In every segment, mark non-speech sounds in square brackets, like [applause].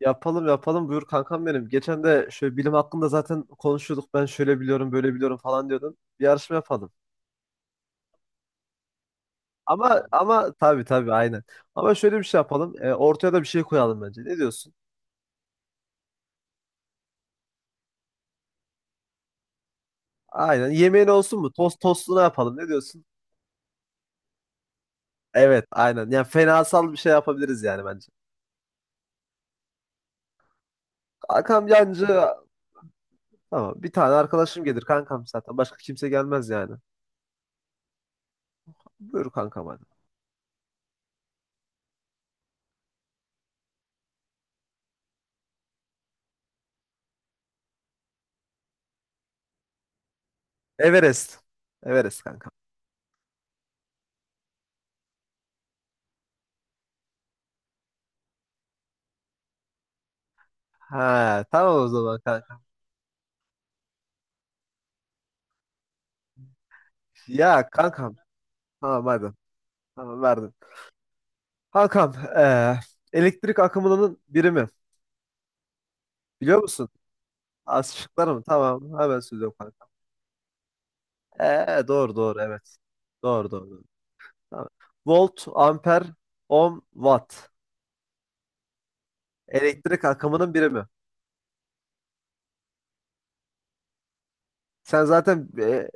Yapalım yapalım buyur kankam benim. Geçen de şöyle bilim hakkında zaten konuşuyorduk. Ben şöyle biliyorum, böyle biliyorum falan diyordun. Bir yarışma yapalım. Ama tabii tabii aynen. Ama şöyle bir şey yapalım. Ortaya da bir şey koyalım bence. Ne diyorsun? Aynen. Yemeğin olsun mu? Tost tostuna yapalım. Ne diyorsun? Evet aynen. Yani fenasal bir şey yapabiliriz yani bence. Kankam yancı tamam. Bir tane arkadaşım gelir kankam zaten. Başka kimse gelmez yani. Buyur kankam hadi. Everest. Everest kankam. Ha tamam o zaman kankam. Ya kankam. Tamam hadi. Tamam verdim. Hakan, elektrik akımının birimi biliyor musun? Az şıklar mı? Tamam, hemen söylüyorum kanka. Doğru doğru, evet. Doğru doğru. Doğru. Tamam. Volt, amper, ohm, watt. Elektrik akımının birimi. Sen zaten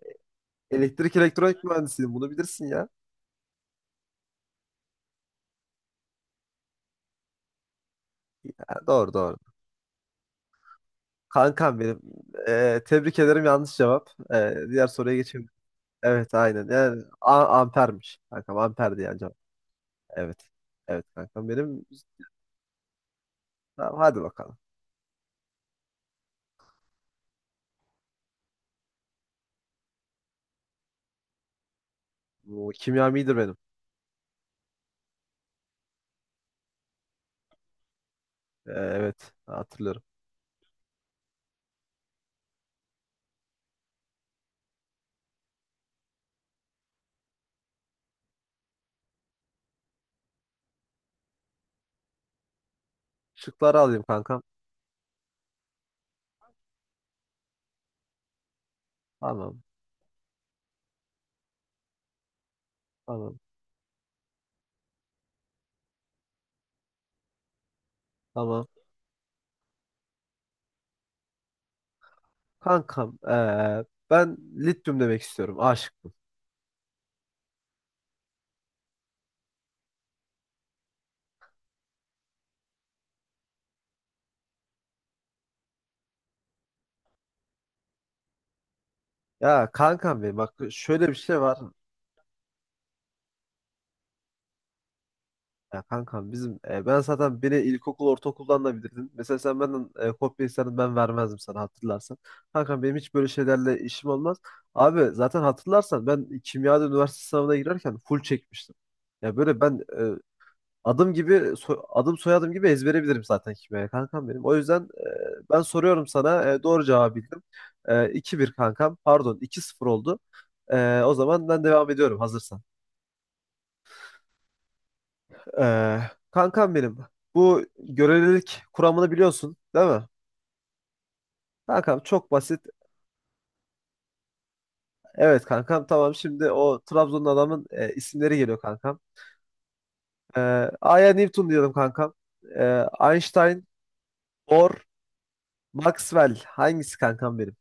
elektrik elektronik mühendisiydin. Bunu bilirsin ya. Ha, doğru doğru. Kankam benim. Tebrik ederim, yanlış cevap. Diğer soruya geçelim. Evet aynen. Yani ampermiş. Kankam amperdi yani cevap. Evet. Evet kankam benim. Tamam hadi bakalım. Bu kimyam iyidir benim. Evet hatırlıyorum. Şıkları alayım kankam. Tamam tamam tamam. Kankam ben lityum demek istiyorum. A şıkkı. Ya kankam benim, bak şöyle bir şey var. Ya kankam bizim ben zaten, beni ilkokul ortaokuldan da bilirdin. Mesela sen benden kopya istedin, ben vermezdim sana hatırlarsan. Kankam benim hiç böyle şeylerle işim olmaz. Abi zaten hatırlarsan ben kimyada üniversite sınavına girerken full çekmiştim. Ya böyle ben adım gibi adım soyadım gibi ezbere bilirim zaten kime kankam benim. O yüzden ben soruyorum sana, doğru cevabı bildim. 2-1 kankam, pardon, 2-0 oldu. O zaman ben devam ediyorum hazırsan. E, Kankam benim, bu görelilik kuramını biliyorsun değil mi? Kankam çok basit. Evet kankam, tamam, şimdi o Trabzon'un adamın isimleri geliyor kankam. E, Aya Newton diyelim kankam. Einstein, Bohr, Maxwell hangisi kankam benim?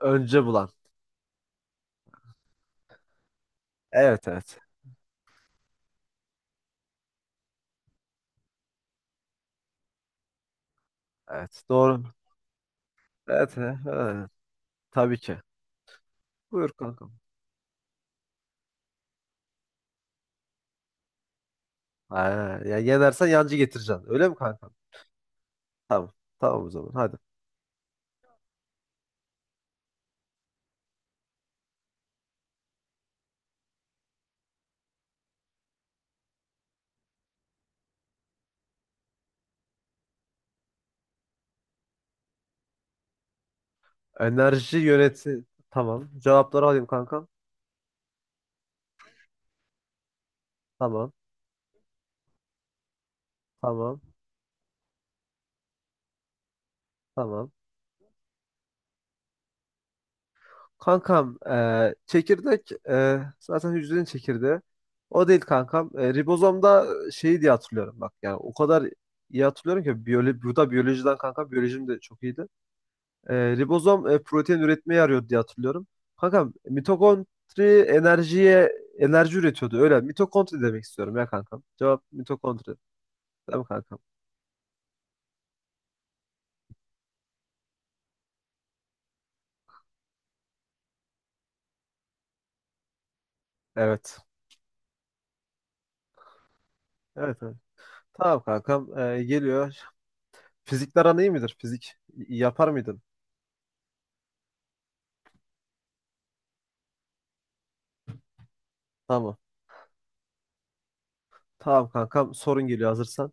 Önce bulan. Evet evet. Evet doğru. Evet, he, he, tabii ki. Buyur kankam. Ha, ya yenersen yancı getireceksin. Öyle mi kankam? Tamam. Tamam o zaman hadi. Enerji yöneti. Tamam. Cevapları alayım kankam. Tamam. Tamam. Tamam. Kankam, çekirdek zaten hücrenin çekirdeği. O değil kankam. Ribozomda şey diye hatırlıyorum bak. Yani o kadar iyi hatırlıyorum ki biyoloji, bu da biyolojiden kankam. Biyolojim de çok iyiydi. Ribozom protein üretmeye yarıyordu diye hatırlıyorum. Kankam mitokondri enerjiye enerji üretiyordu. Öyle mitokondri demek istiyorum ya kankam. Cevap mitokondri. Değil mi kankam? Evet. Evet evet. Tamam kankam, geliyor. Fizikler aran iyi midir? Fizik yapar mıydın? Tamam. Tamam kankam, sorun geliyor hazırsan.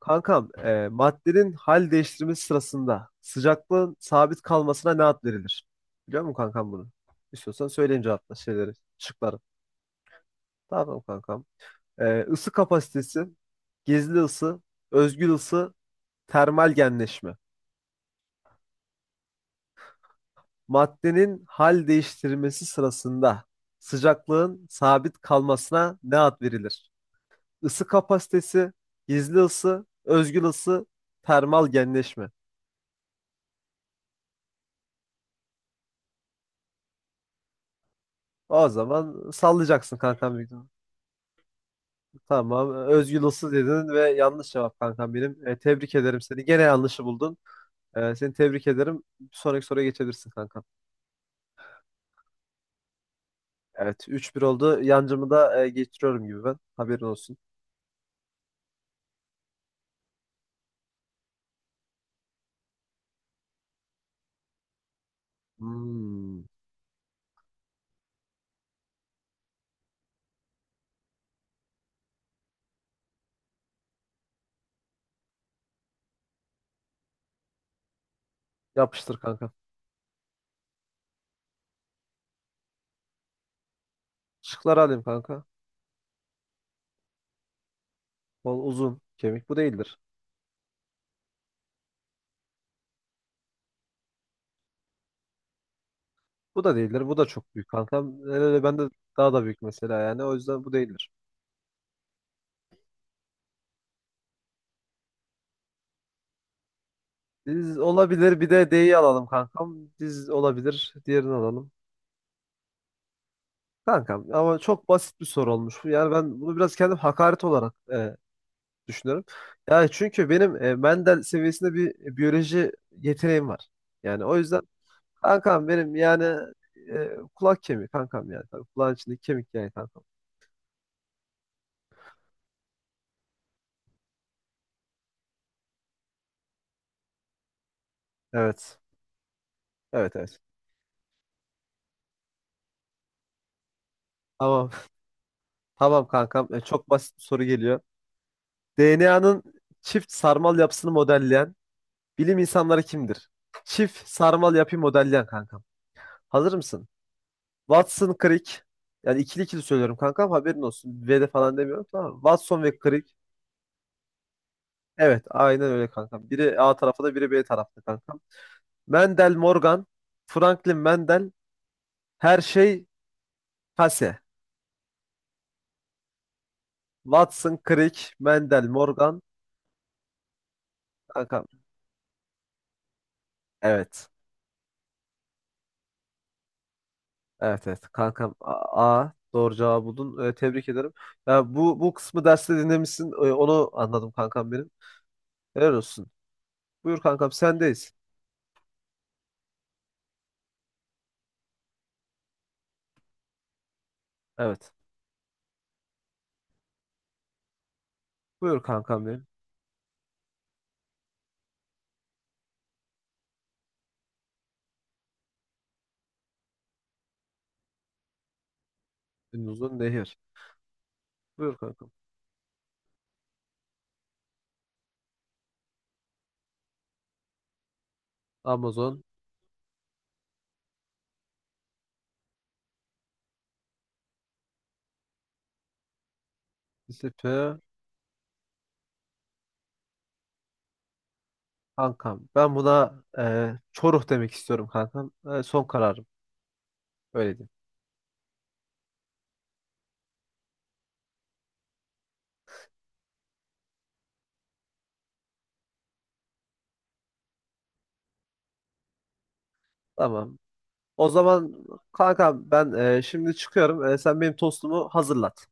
Kankam, maddenin hal değiştirmesi sırasında sıcaklığın sabit kalmasına ne ad verilir? Biliyor musun kankam bunu? İstiyorsan söyleyeyim, cevapla şeyleri, şıkları. Tamam kankam. Isı kapasitesi, gizli ısı, özgül ısı, termal genleşme. Maddenin hal değiştirmesi sırasında sıcaklığın sabit kalmasına ne ad verilir? Isı kapasitesi, gizli ısı, özgül ısı, termal genleşme. O zaman sallayacaksın kankam, büyük ihtimal. Tamam. Özgül ısı dedin ve yanlış cevap kankam benim. Tebrik ederim seni. Gene yanlışı buldun. Seni tebrik ederim. Bir sonraki soruya geçebilirsin kankam. Evet, 3-1 oldu. Yancımı da geçiriyorum gibi ben. Haberin olsun. Hmm. Yapıştır kanka. Şıkları alayım kanka. Bol uzun kemik. Bu değildir. Bu da değildir. Bu da çok büyük kanka. Hele ben de daha da büyük mesela yani. O yüzden bu değildir. Diz olabilir. Bir de D'yi alalım kankam. Diz olabilir. Diğerini alalım. Kankam ama çok basit bir soru olmuş bu. Yani ben bunu biraz kendim hakaret olarak düşünüyorum. Yani çünkü benim Mendel seviyesinde bir biyoloji yeteneğim var. Yani o yüzden kankam benim yani, kulak kemiği kankam yani. Tabii, kulağın içindeki kemik yani kankam. Evet. Evet evet. Tamam. [laughs] Tamam kankam. Çok basit bir soru geliyor. DNA'nın çift sarmal yapısını modelleyen bilim insanları kimdir? Çift sarmal yapıyı modelleyen kankam. Hazır mısın? Watson, Crick. Yani ikili ikili söylüyorum kankam, haberin olsun. Ve de falan demiyorum tamam mı? Watson ve Crick. Evet aynen öyle kankam. Biri A tarafta biri B tarafta kankam. Mendel Morgan, Franklin Mendel, her şey Kase. Watson, Crick, Mendel, Morgan. Kankam. Evet. Evet evet. Kankam A. A. Doğru cevabı buldun. Tebrik ederim. Ya bu kısmı derste dinlemişsin. Onu anladım kankam benim. Helal olsun. Buyur kankam, sendeyiz. Evet. Buyur kankam benim. En uzun nehir. Buyur kankam. Amazon, Mississippi, kankam. Ben buna Çoruh demek istiyorum kankam. Son kararım. Öyle diyeyim. Tamam. O zaman kankam, ben şimdi çıkıyorum. Sen benim tostumu hazırlat.